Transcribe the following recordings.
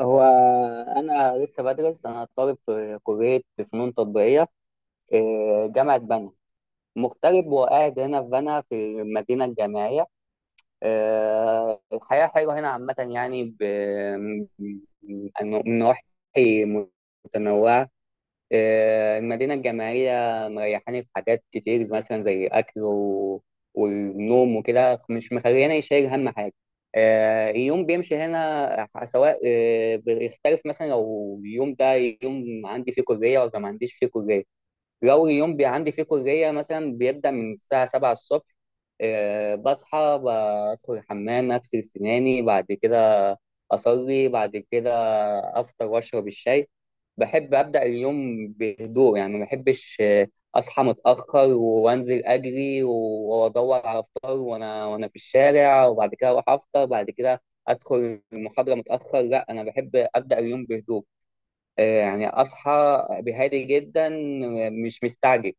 هو أنا لسه بدرس. أنا طالب في كلية فنون تطبيقية في جامعة بنها، مغترب وقاعد هنا في بنها في المدينة الجامعية. الحياة حلوة هنا عامة يعني من من نواحي متنوعة. المدينة الجامعية مريحاني في حاجات كتير، مثلا زي أكل والنوم وكده، مش مخليني شايل هم حاجة. اليوم بيمشي هنا، سواء، بيختلف مثلا لو اليوم ده يوم عندي فيه كلية ولا ما عنديش فيه كلية. لو اليوم عندي فيه كلية مثلا، بيبدأ من الساعة 7 الصبح. بصحى بدخل الحمام، أغسل سناني، بعد كده أصلي، بعد كده أفطر وأشرب الشاي. بحب أبدأ اليوم بهدوء يعني، ما بحبش أصحى متأخر وأنزل أجري وأدور على فطار وأنا في الشارع، وبعد كده أروح أفطر، بعد كده أدخل المحاضرة متأخر. لا، أنا بحب أبدأ اليوم بهدوء. يعني اصحى بهادي جدا، مش مستعجل.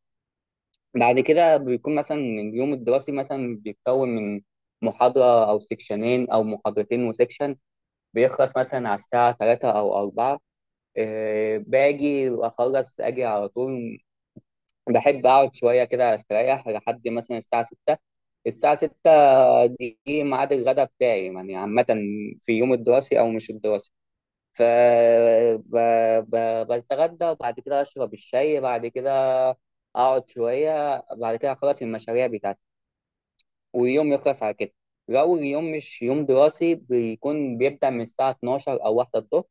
بعد كده بيكون مثلا اليوم الدراسي مثلا بيتكون من محاضرة أو سكشنين أو محاضرتين وسكشن. بيخلص مثلا على الساعة تلاتة أو أربعة. باجي أخلص أجي على طول. بحب أقعد شوية كده أستريح لحد مثلا الساعة ستة. الساعة ستة دي ميعاد الغداء بتاعي، يعني عامة في يوم الدراسي أو مش الدراسي. ف ب... ب... بتغدى، وبعد كده اشرب الشاي، بعد كده اقعد شويه، بعد كده اخلص المشاريع بتاعتي، ويوم يخلص على كده. لو اليوم مش يوم دراسي، بيكون بيبدأ من الساعه 12 او 1 الظهر.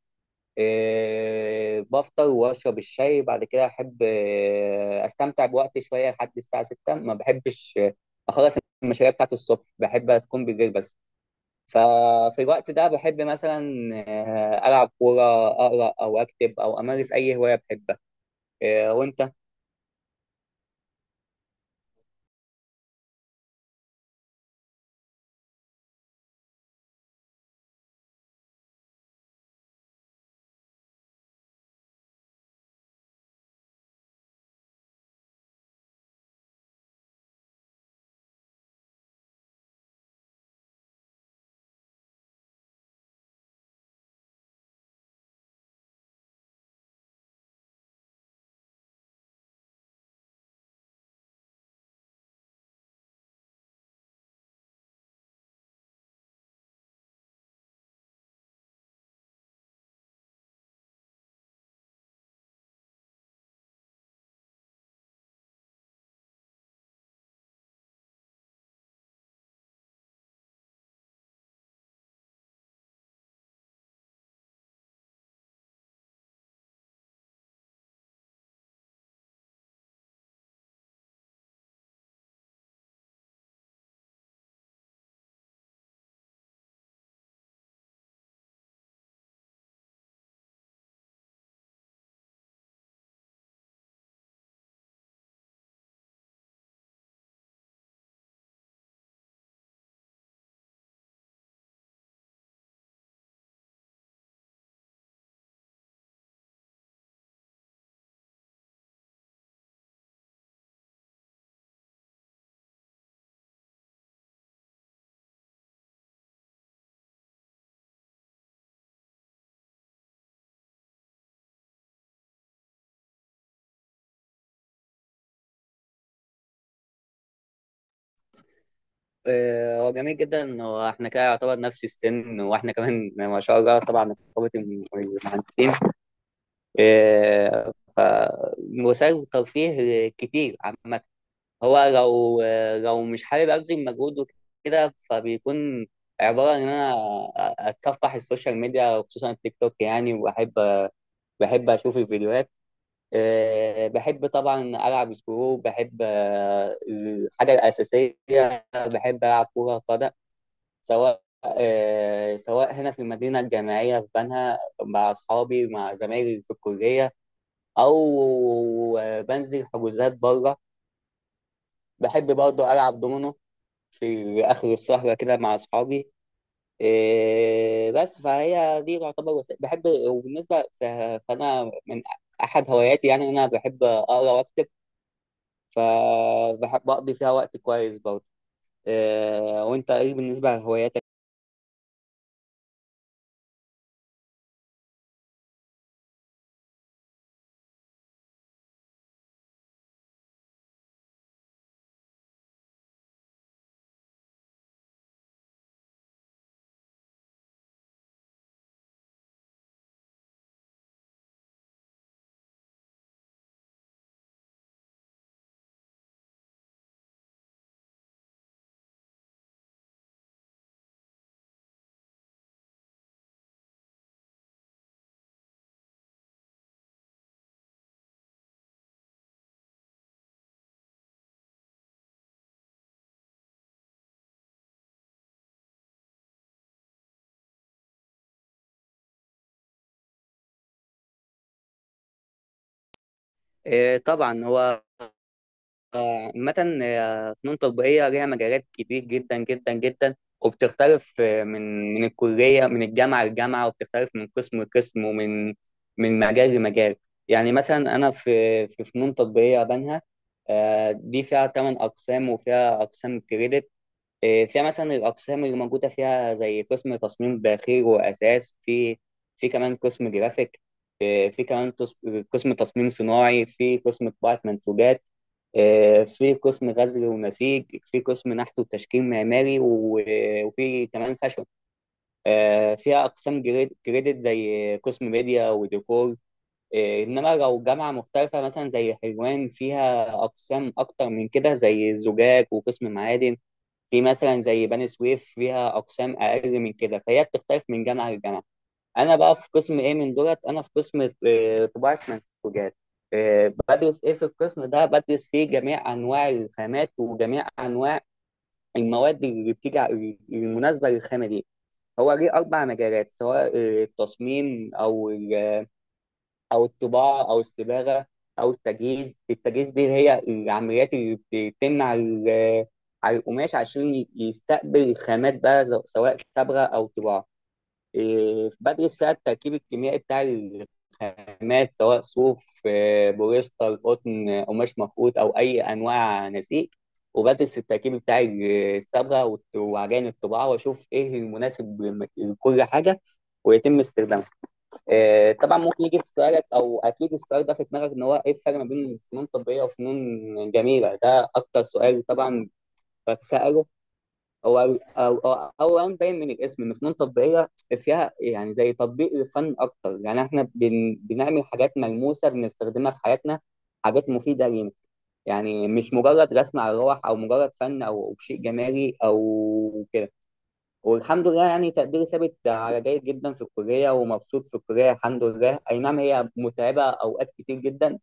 إيه، بفطر واشرب الشاي، بعد كده احب استمتع بوقتي شويه لحد الساعه 6. ما بحبش اخلص المشاريع بتاعتي الصبح، بحب تكون بالليل بس. ففي الوقت ده بحب مثلا ألعب كورة، أقرأ أو أكتب أو أمارس أي هواية بحبها. وأنت؟ هو جميل جدا، واحنا كده يعتبر نفس السن، واحنا كمان ما شاء الله، طبعا رقابة المهندسين. آه، ف وسائل ترفيه كتير عامة. هو لو مش حابب أبذل مجهود وكده، فبيكون عبارة عن إن أنا أتصفح السوشيال ميديا، وخصوصا التيك توك يعني. وبحب أشوف الفيديوهات. بحب طبعا ألعب سكرو. بحب الحاجة الأساسية بحب ألعب كورة قدم، سواء هنا في المدينة الجامعية في بنها مع أصحابي، مع زمايلي في الكلية، أو بنزل حجوزات بره. بحب برضه ألعب دومينو في آخر السهرة كده مع أصحابي. بس فهي دي تعتبر وسيلة بحب، وبالنسبة فأنا من أحد هواياتي يعني إن أنا بحب أقرأ وأكتب، فبقضي فيها وقت كويس برضه. وانت ايه بالنسبة لهواياتك؟ طبعا هو عامة فنون تطبيقية ليها مجالات كتير جدا جدا جدا، وبتختلف من الكلية، من الجامعة للجامعة، وبتختلف من قسم لقسم، ومن مجال لمجال. يعني مثلا أنا في فنون تطبيقية بنها. دي فيها ثمان أقسام وفيها أقسام كريدت. إيه، فيها مثلا الأقسام اللي موجودة فيها زي قسم تصميم داخلي وأساس في كمان قسم جرافيك. إيه، في كمان قسم تصميم صناعي، في قسم طباعة منسوجات. إيه، في قسم غزل ونسيج، في قسم نحت وتشكيل معماري، وفي كمان فاشون. فيها أقسام كريدت زي قسم ميديا وديكور. إيه، إنما لو جامعة مختلفة مثلا زي حلوان، فيها أقسام أكتر من كده زي الزجاج وقسم معادن. في مثلا زي بني سويف فيها اقسام اقل من كده، فهي بتختلف من جامعه لجامعه. انا بقى في قسم ايه من دولت؟ انا في قسم طباعه منسوجات. بدرس ايه في القسم ده؟ بدرس فيه جميع انواع الخامات، وجميع انواع المواد اللي بتيجي المناسبه للخامه دي. هو ليه اربع مجالات، سواء التصميم او الطباعه، او الصباغه، او التجهيز. التجهيز دي اللي هي العمليات اللي بتتم على على القماش عشان يستقبل الخامات بقى، سواء صبغه او طباعه. إيه، بدرس فيها التركيب الكيميائي بتاع الخامات، سواء صوف، بوليستر، قطن، قماش مفقود، او اي انواع نسيج. وبدرس التركيب بتاع الصبغه وعجائن الطباعه، واشوف ايه المناسب لكل حاجه ويتم استخدامها. طبعا ممكن يجي في سؤالك، او اكيد السؤال ده في دماغك، ان هو ايه الفرق ما بين فنون تطبيقيه وفنون جميله؟ ده اكتر سؤال طبعا بتساله. هو او اولا باين من الاسم ان فنون تطبيقيه فيها يعني زي تطبيق للفن اكتر. يعني احنا بنعمل حاجات ملموسه بنستخدمها في حياتنا، حاجات مفيده لينا، يعني مش مجرد رسم على الروح، او مجرد فن او شيء جمالي او كده. والحمد لله يعني تقديري ثابت على جيد جدا في الكلية، ومبسوط في الكلية الحمد لله. أي نعم، هي متعبة أوقات كتير جدا،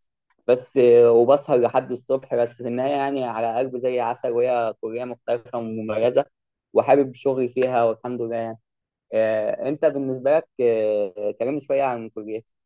بس وبسهر لحد الصبح، بس في النهاية يعني على قلب زي عسل، وهي كلية مختلفة ومميزة، وحابب شغلي فيها والحمد لله يعني. أنت بالنسبة لك، كلمني شوية عن الكلية.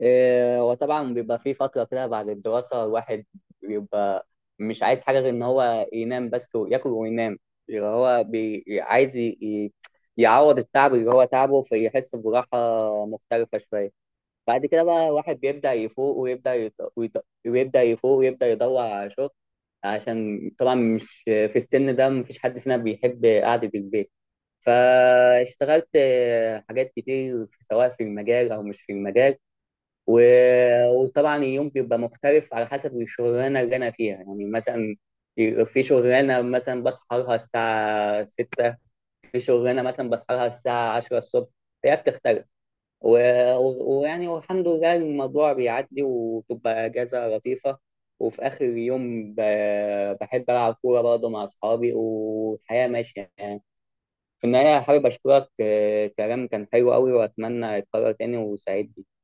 إيه، وطبعا بيبقى في فترة كده بعد الدراسة، الواحد بيبقى مش عايز حاجة غير إن هو ينام بس وياكل وينام، اللي هو بي... عايز ي... ي- يعوض التعب اللي هو تعبه، فيحس براحة مختلفة شوية. بعد كده بقى الواحد بيبدأ يفوق ويبدأ يط... ويط... ويبدأ يفوق ويبدأ يدور على شغل، عشان طبعا مش في السن ده مفيش حد فينا بيحب قعدة البيت. فاشتغلت حاجات كتير، سواء في المجال أو مش في المجال. وطبعا اليوم بيبقى مختلف على حسب الشغلانه اللي انا فيها يعني. مثلا في شغلانه مثلا بصحى لها الساعه 6، في شغلانه مثلا بصحى لها الساعه 10 الصبح، هي بتختلف. ويعني والحمد لله الموضوع بيعدي، وتبقى اجازه لطيفه. وفي اخر اليوم بحب العب كوره برضه مع اصحابي، والحياه ماشيه يعني. في النهايه حابب اشكرك، كلام كان حلو قوي واتمنى يتكرر تاني، وسعيد.